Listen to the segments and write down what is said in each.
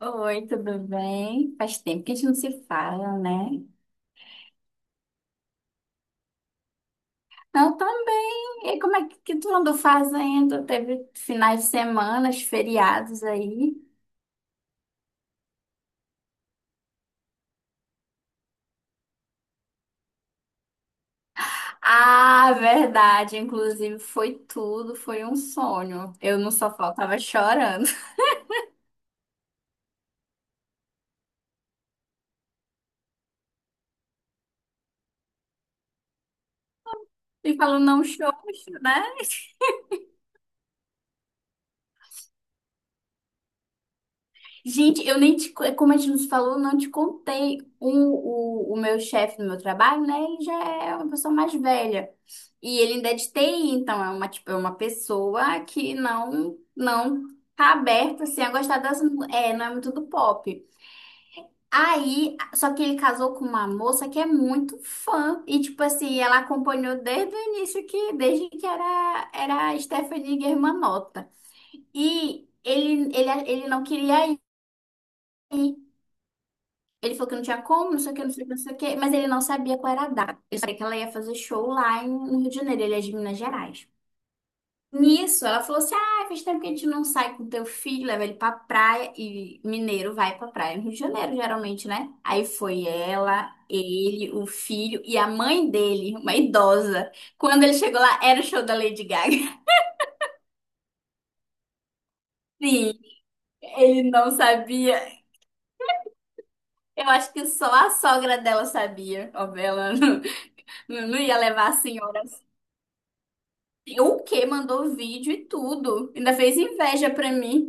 Oi, tudo bem? Faz tempo que a gente não se fala, né? Eu também. E como é que tu andou fazendo? Teve finais de semana, feriados aí? Ah, verdade. Inclusive, foi tudo. Foi um sonho. Eu não só faltava chorando. E falou, não choro, né? Gente, eu nem te, como a gente nos falou, eu não te contei. O meu chefe do meu trabalho, né? Ele já é uma pessoa mais velha. E ele ainda é de TI, então é uma, tipo, é uma pessoa que não tá aberta, assim, a gostar das... É, não é muito do pop. Aí, só que ele casou com uma moça que é muito fã. E, tipo assim, ela acompanhou desde o início, que, desde que era a Stephanie Germanotta. E ele não queria ir. Ele falou que não tinha como, não sei o que, não sei o que, não sei o que, mas ele não sabia qual era a data. Ele sabia que ela ia fazer show no Rio de Janeiro, ele é de Minas Gerais. Nisso, ela falou assim: ah, faz tempo que a gente não sai com teu filho, leva ele pra praia. E mineiro vai pra praia no Rio de Janeiro, geralmente, né? Aí foi ela, ele, o filho e a mãe dele, uma idosa. Quando ele chegou lá, era o show da Lady Gaga. Sim, ele não sabia. Eu acho que só a sogra dela sabia. Ó, ela não, não ia levar a senhora. O quê mandou vídeo e tudo. Ainda fez inveja pra mim.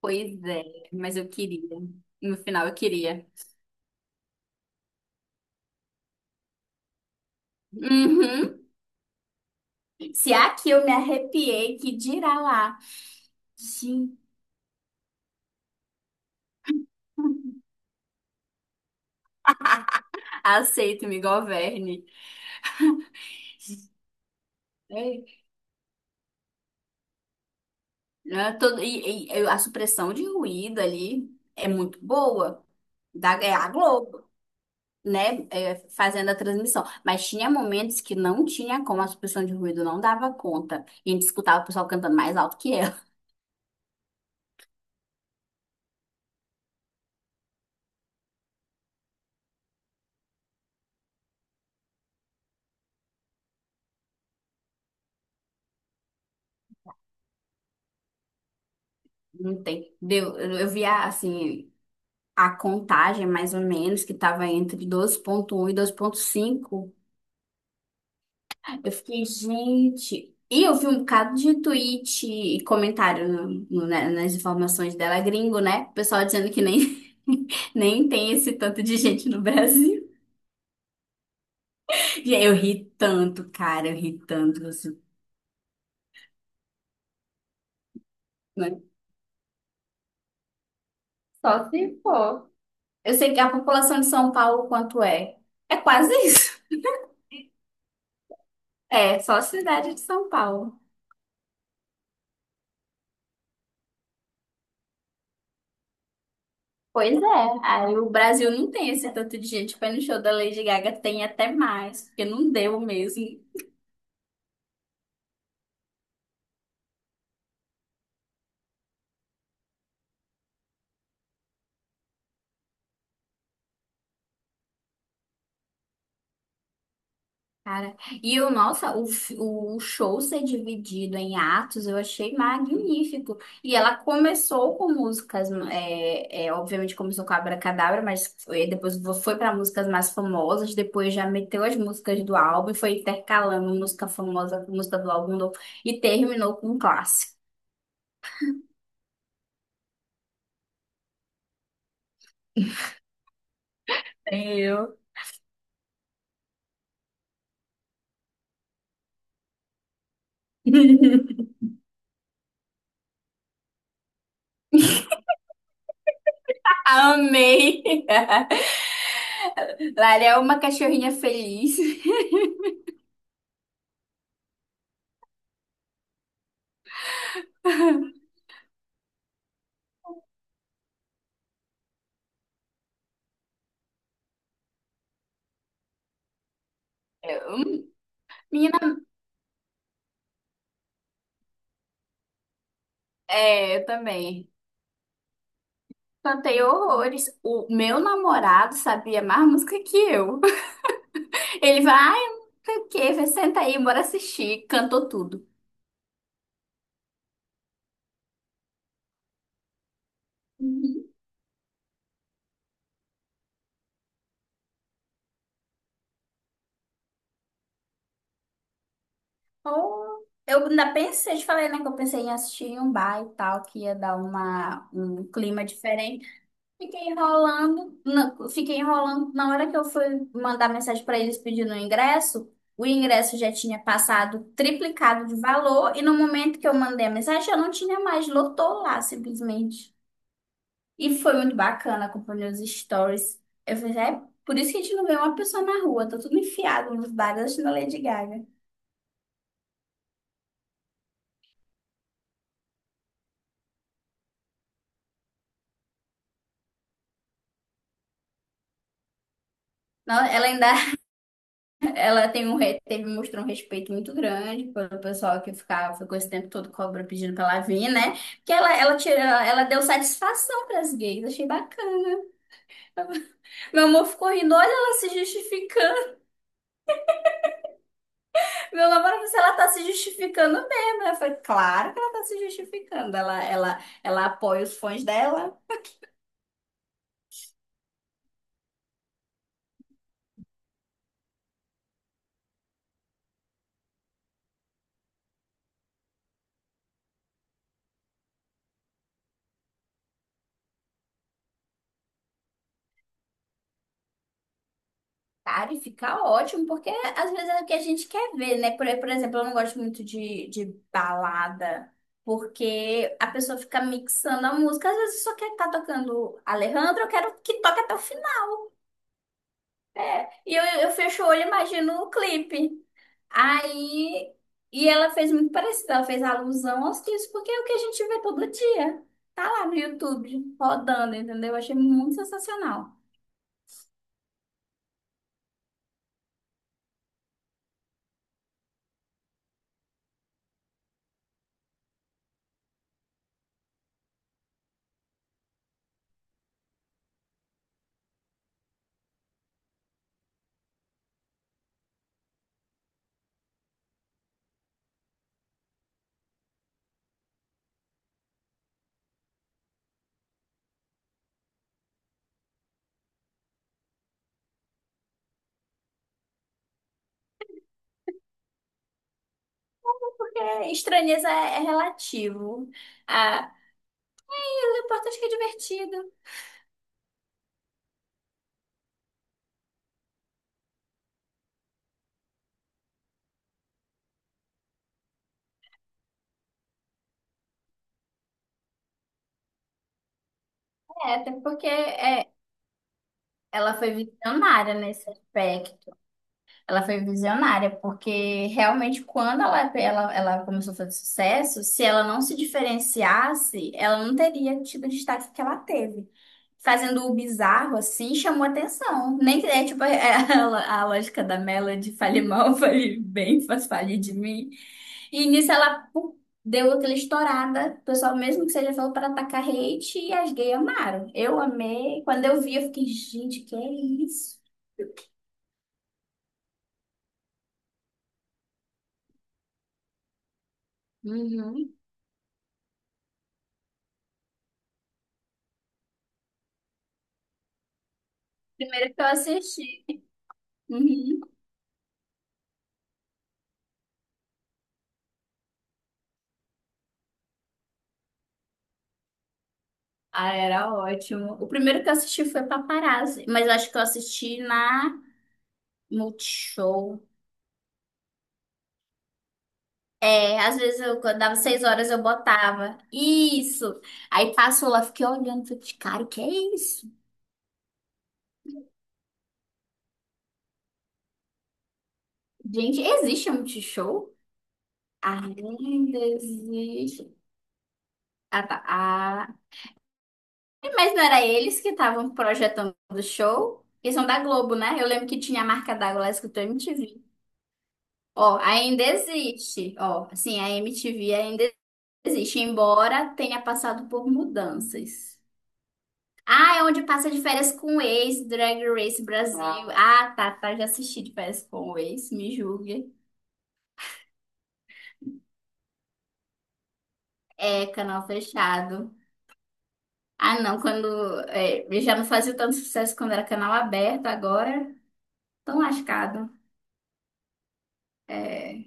Pois é, mas eu queria. No final eu queria. Uhum. Se aqui eu me arrepiei, que dirá lá. Sim. Aceito, me governe. É. Né, e a supressão de ruído ali é muito boa. É a Globo, né? É, fazendo a transmissão. Mas tinha momentos que não tinha como, a supressão de ruído não dava conta. E a gente escutava o pessoal cantando mais alto que ela. Não tem. Deu, eu vi a, assim, a contagem, mais ou menos, que estava entre 12.1 e 12.5. Eu fiquei, gente. E eu vi um bocado de tweet e comentário né, nas informações dela, gringo, né? O pessoal dizendo que nem, nem tem esse tanto de gente no Brasil. E aí eu ri tanto, cara, eu ri tanto, assim, né? Só se for. Eu sei que a população de São Paulo, quanto é? É quase isso. É, só a cidade de São Paulo. Pois é, aí o Brasil não tem esse tanto de gente foi no show da Lady Gaga, tem até mais, porque não deu mesmo, cara. E o nossa, o show ser dividido em atos, eu achei magnífico. E ela começou com músicas, obviamente começou com Abracadabra, mas foi para músicas mais famosas, depois já meteu as músicas do álbum e foi intercalando música famosa com música do álbum novo, e terminou com um clássico. Eu. Amei! Lara é uma cachorrinha feliz. Hum, Menina, é, eu também. Cantei horrores. O meu namorado sabia mais música que eu. Ele vai, ai, não sei o quê, vai, senta aí, bora assistir. Cantou tudo. Uhum. Oh, eu ainda pensei, eu te falei, né, que eu pensei em assistir em um bar e tal, que ia dar uma, um clima diferente. Fiquei enrolando, fiquei enrolando. Na hora que eu fui mandar mensagem para eles pedindo o ingresso já tinha passado triplicado de valor e no momento que eu mandei a mensagem já não tinha mais, lotou lá simplesmente. E foi muito bacana acompanhar os stories. Eu falei, é por isso que a gente não vê uma pessoa na rua, tá tudo enfiado nos bares da Lady Gaga. Não, ela ainda ela tem um, teve, mostrou um respeito muito grande pelo pessoal que ficava, ficou esse tempo todo cobra pedindo pra ela vir, né? Porque tirou, ela deu satisfação pras gays, achei bacana. Meu amor ficou rindo, olha ela se justificando. Meu namorado disse, ela tá se justificando mesmo. Eu falei, claro que ela tá se justificando. Ela apoia os fãs dela. Cara, e fica ótimo, porque às vezes é o que a gente quer ver, né? Por exemplo, eu não gosto muito de balada, porque a pessoa fica mixando a música. Às vezes só quer estar tocando Alejandro, eu quero que toque até o final. E eu fecho o olho e imagino o clipe. Aí. E ela fez muito parecido, ela fez alusão aos clipes, porque é o que a gente vê todo dia. Tá lá no YouTube, rodando, entendeu? Eu achei muito sensacional. É, estranheza é relativo. Ah, mas o importante é que é divertido. É, até porque é, ela foi visionária nesse aspecto. Ela foi visionária porque realmente quando ela começou a fazer sucesso, se ela não se diferenciasse, ela não teria tido o destaque que ela teve. Fazendo o bizarro assim, chamou atenção. Nem que- É tipo é, a lógica da Melody, fale mal, fale bem, faz fale de mim. E nisso ela pum, deu aquela estourada. O pessoal, mesmo que seja falou para atacar hate, e as gays amaram. Eu amei. Quando eu vi, eu fiquei, gente, que é isso? Uhum. Primeiro que eu assisti. Uhum. Ah, era ótimo. O primeiro que eu assisti foi Paparazzi, mas eu acho que eu assisti na Multishow. É, às vezes eu quando dava 6 horas, eu botava. Isso! Aí passou lá, fiquei olhando, falei, cara, o que é isso? Gente, existe a Multishow? Ainda existe. Ah, tá. Ah. E, mas não era eles que estavam projetando o show? Eles são da Globo, né? Eu lembro que tinha a marca d'água lá escrito MTV. Ó, ainda existe. Ó, assim, a MTV ainda existe, embora tenha passado por mudanças. Ah, é onde passa de férias com o ex, Drag Race Brasil. Ah, ah, tá, tá. Já assisti de férias com o ex, me julgue. É, canal fechado. Ah, não, quando. É, ele já não fazia tanto sucesso quando era canal aberto, agora tão lascado. É,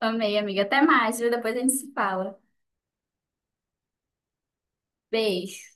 amei, amiga. Até mais, viu? Depois a gente se fala. Beijo.